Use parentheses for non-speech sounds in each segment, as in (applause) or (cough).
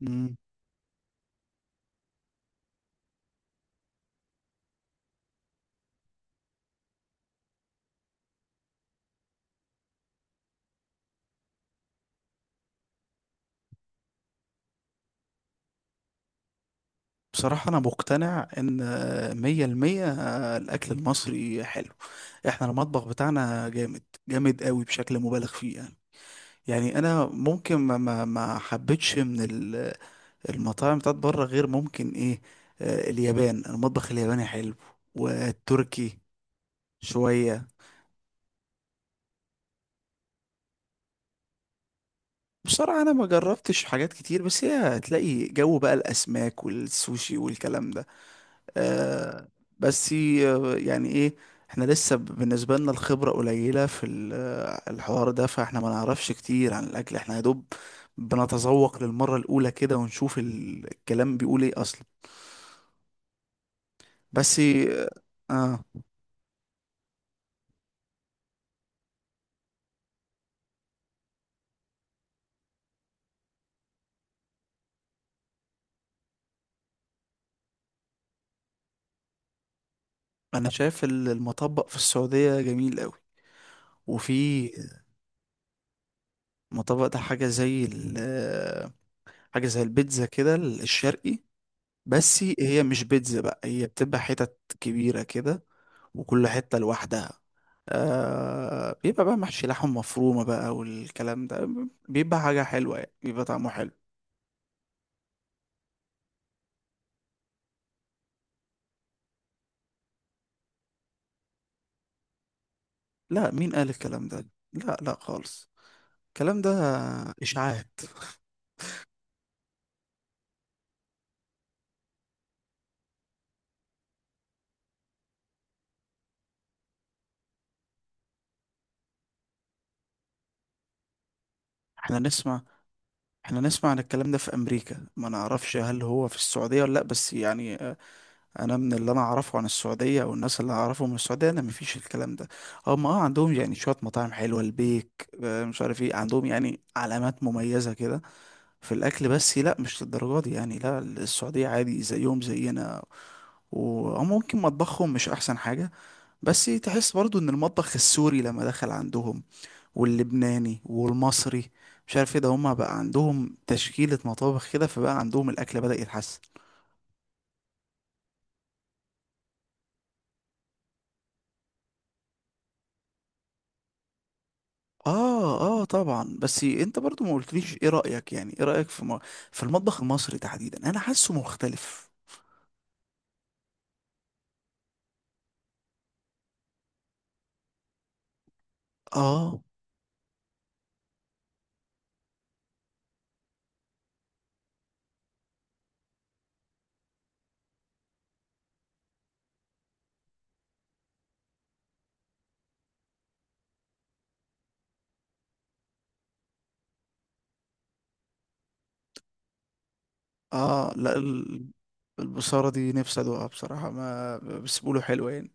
مم. بصراحة أنا مقتنع إن مية المية الأكل المصري حلو. إحنا المطبخ بتاعنا جامد جامد قوي بشكل مبالغ فيه يعني. يعني أنا ممكن ما حبيتش من المطاعم بتاعت بره غير ممكن إيه. اليابان، المطبخ الياباني حلو، والتركي شوية. بصراحة أنا ما جربتش حاجات كتير، بس هي هتلاقي جو بقى الأسماك والسوشي والكلام ده. آه، بس يعني ايه، احنا لسه بالنسبة لنا الخبرة قليلة في الحوار ده، فاحنا ما نعرفش كتير عن الأكل. احنا يا دوب بنتذوق للمرة الأولى كده، ونشوف الكلام بيقول ايه أصلا. بس آه، أنا شايف المطبق في السعودية جميل قوي. وفي مطبق، ده حاجة زي البيتزا كده الشرقي، بس هي مش بيتزا بقى، هي بتبقى حتت كبيرة كده وكل حتة لوحدها. آه، بيبقى بقى محشي لحم مفرومة بقى والكلام ده، بيبقى حاجة حلوة يعني، بيبقى طعمه حلو. لا، مين قال الكلام ده؟ لا، لا خالص. الكلام ده إشاعات. احنا نسمع احنا نسمع عن الكلام ده في أمريكا، ما نعرفش هل هو في السعودية ولا لا، بس يعني أنا من اللي أنا أعرفه عن السعودية أو الناس اللي أعرفهم من السعودية، أنا مفيش الكلام ده. هم عندهم يعني شوية مطاعم حلوة، البيك، مش عارف ايه، عندهم يعني علامات مميزة كده في الاكل، بس لا مش للدرجه دي يعني. لا، السعوديه عادي، زيهم زينا. وممكن مطبخهم مش احسن حاجة، بس تحس برضو ان المطبخ السوري لما دخل عندهم واللبناني والمصري، مش عارف ايه ده، هما بقى عندهم تشكيلة مطابخ كده، فبقى عندهم الاكل بدأ يتحسن. اه اه طبعا، بس انت برضو ما قلتليش ايه رأيك، يعني ايه رأيك في في المطبخ المصري تحديدا، انا حاسه مختلف. اه، اه، لا. البصارة دي نفسي ادوقها بصراحة، ما بس بيقولوا حلوة يعني.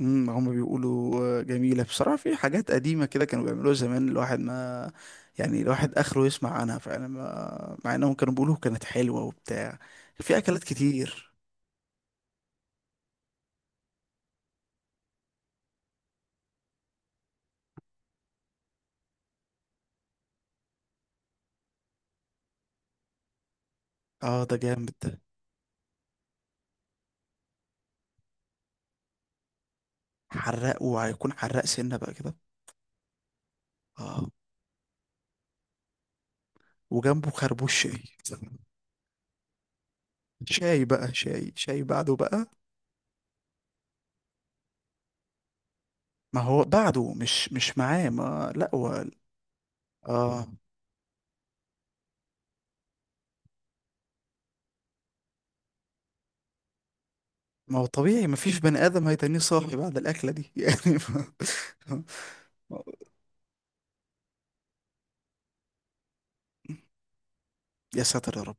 هم بيقولوا جميلة بصراحة. في حاجات قديمة كده كانوا بيعملوها زمان الواحد ما، يعني الواحد اخره يسمع عنها فعلا، ما مع انهم كانوا بيقولوا كانت حلوة وبتاع. في اكلات كتير. اه، ده جامد ده. حراق، وهيكون حراق سنة بقى كده. اه، وجنبه خربوش شاي. شاي بقى، شاي بعده بقى. ما هو بعده مش معاه، ما لا هو. اه، ما هو طبيعي، مفيش بني آدم هيتنيه صاحي بعد الأكلة دي (laughs) يعني يا ساتر يا رب.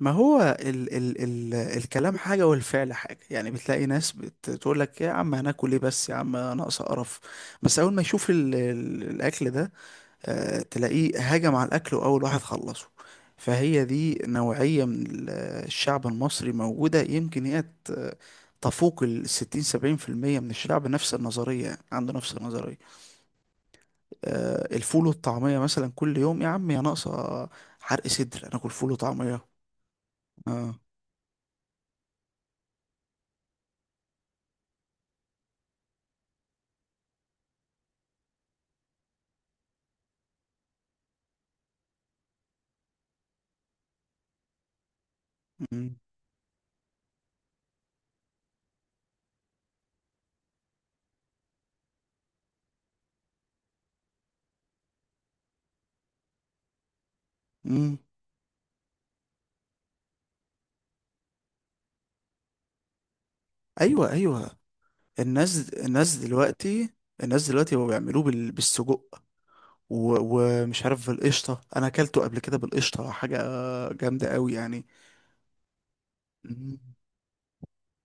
ما هو ال الكلام حاجة والفعل حاجة، يعني بتلاقي ناس بتقول لك يا عم هناكل ايه بس يا عم ناقص قرف، بس أول ما يشوف ال الأكل ده، آه تلاقيه هاجم على الأكل وأول واحد خلصه. فهي دي نوعية من الشعب المصري موجودة، يمكن هي تفوق 60-70% من الشعب، نفس النظرية يعني، عنده نفس النظرية. الفول والطعمية مثلا كل يوم يا عم، يا ناقصة، حرق صدر انا اكل فول وطعمية. اه. مم. مم. ايوه، ايوه، الناس دلوقتي، الناس دلوقتي بقوا بيعملوه بالسجق، ومش عارف بالقشطة. انا اكلته قبل كده بالقشطة، حاجة جامدة قوي يعني. مم.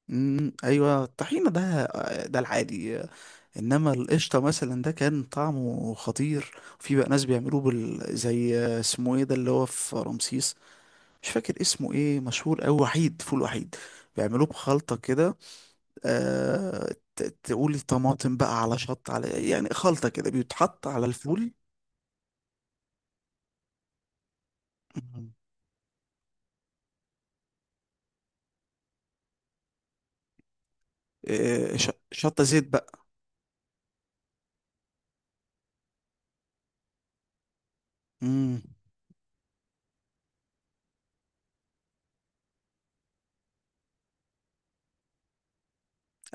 مم. ايوه، الطحينة ده العادي، انما القشطة مثلا ده كان طعمه خطير. في بقى ناس بيعملوه زي اسمه ايه ده اللي هو في رمسيس، مش فاكر اسمه ايه، مشهور أوي، وحيد فول وحيد، بيعملوه بخلطة كده. تقولي طماطم بقى على على يعني خلطة كده بيتحط على الفول. مم. شطة زيت بقى. امم.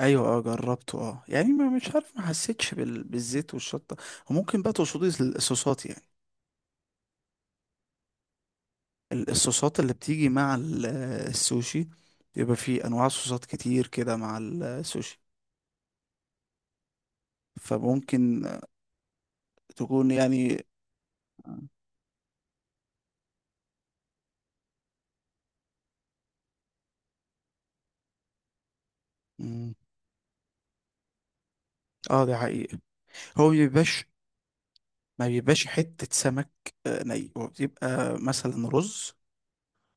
ايوه اه جربته، اه يعني ما مش عارف، ما حسيتش بالزيت والشطة. وممكن بقى تقصدي الصوصات يعني، الصوصات اللي بتيجي مع السوشي، بيبقى فيه انواع صوصات كتير كده مع السوشي، فممكن تكون يعني. اه، ده حقيقي. هو بيبقاش، ما بيبقاش حتة سمك ني. هو بيبقى مثلا رز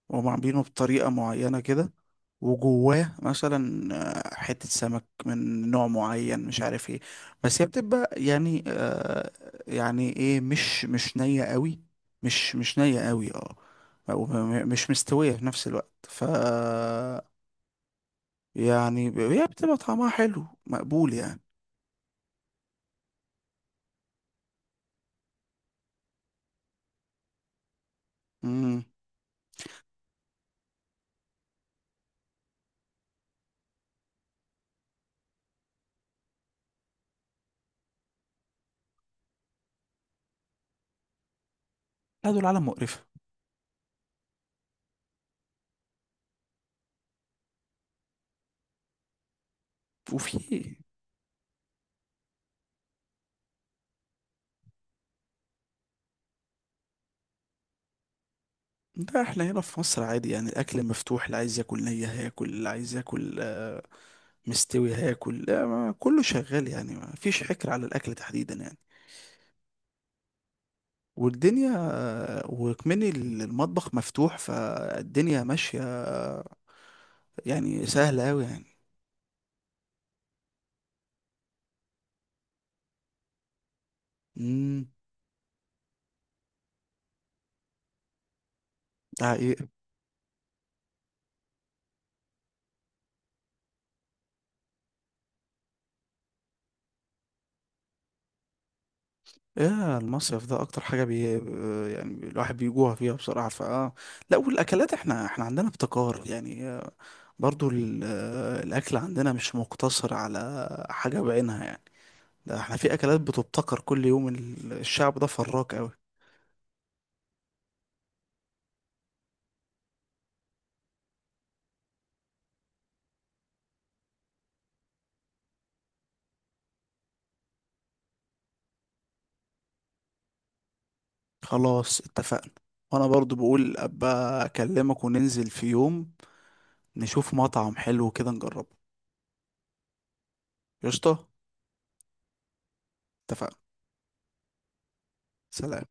وهم عاملينه بطريقة معينة كده، وجواه مثلا حتة سمك من نوع معين مش عارف ايه، بس هي بتبقى يعني آه، يعني ايه، مش نية قوي، مش نية قوي اه، أو مش مستوية في نفس الوقت، يعني هي بتبقى طعمها حلو مقبول يعني. امم. لا، دول عالم مقرفة. وفي، ده احنا هنا في مصر عادي يعني، الاكل مفتوح، اللي عايز ياكل نية هياكل، اللي عايز ياكل مستوي هياكل. لا، كله شغال يعني، ما فيش حكر على الاكل تحديدا يعني. والدنيا، وكمان المطبخ مفتوح، فالدنيا ماشية، يعني سهلة أوي يعني. امم. ده حقيقة. ايه المصيف ده، اكتر حاجة بي يعني الواحد بيجوع فيها بصراحة، فاه. لا، والاكلات احنا عندنا ابتكار يعني. برضو الاكل عندنا مش مقتصر على حاجة بعينها يعني. ده احنا في اكلات بتبتكر كل يوم، الشعب ده فراك قوي. خلاص اتفقنا. وانا برضو بقول ابقى اكلمك وننزل في يوم، نشوف مطعم حلو كده نجربه. قشطة. اتفقنا، سلام.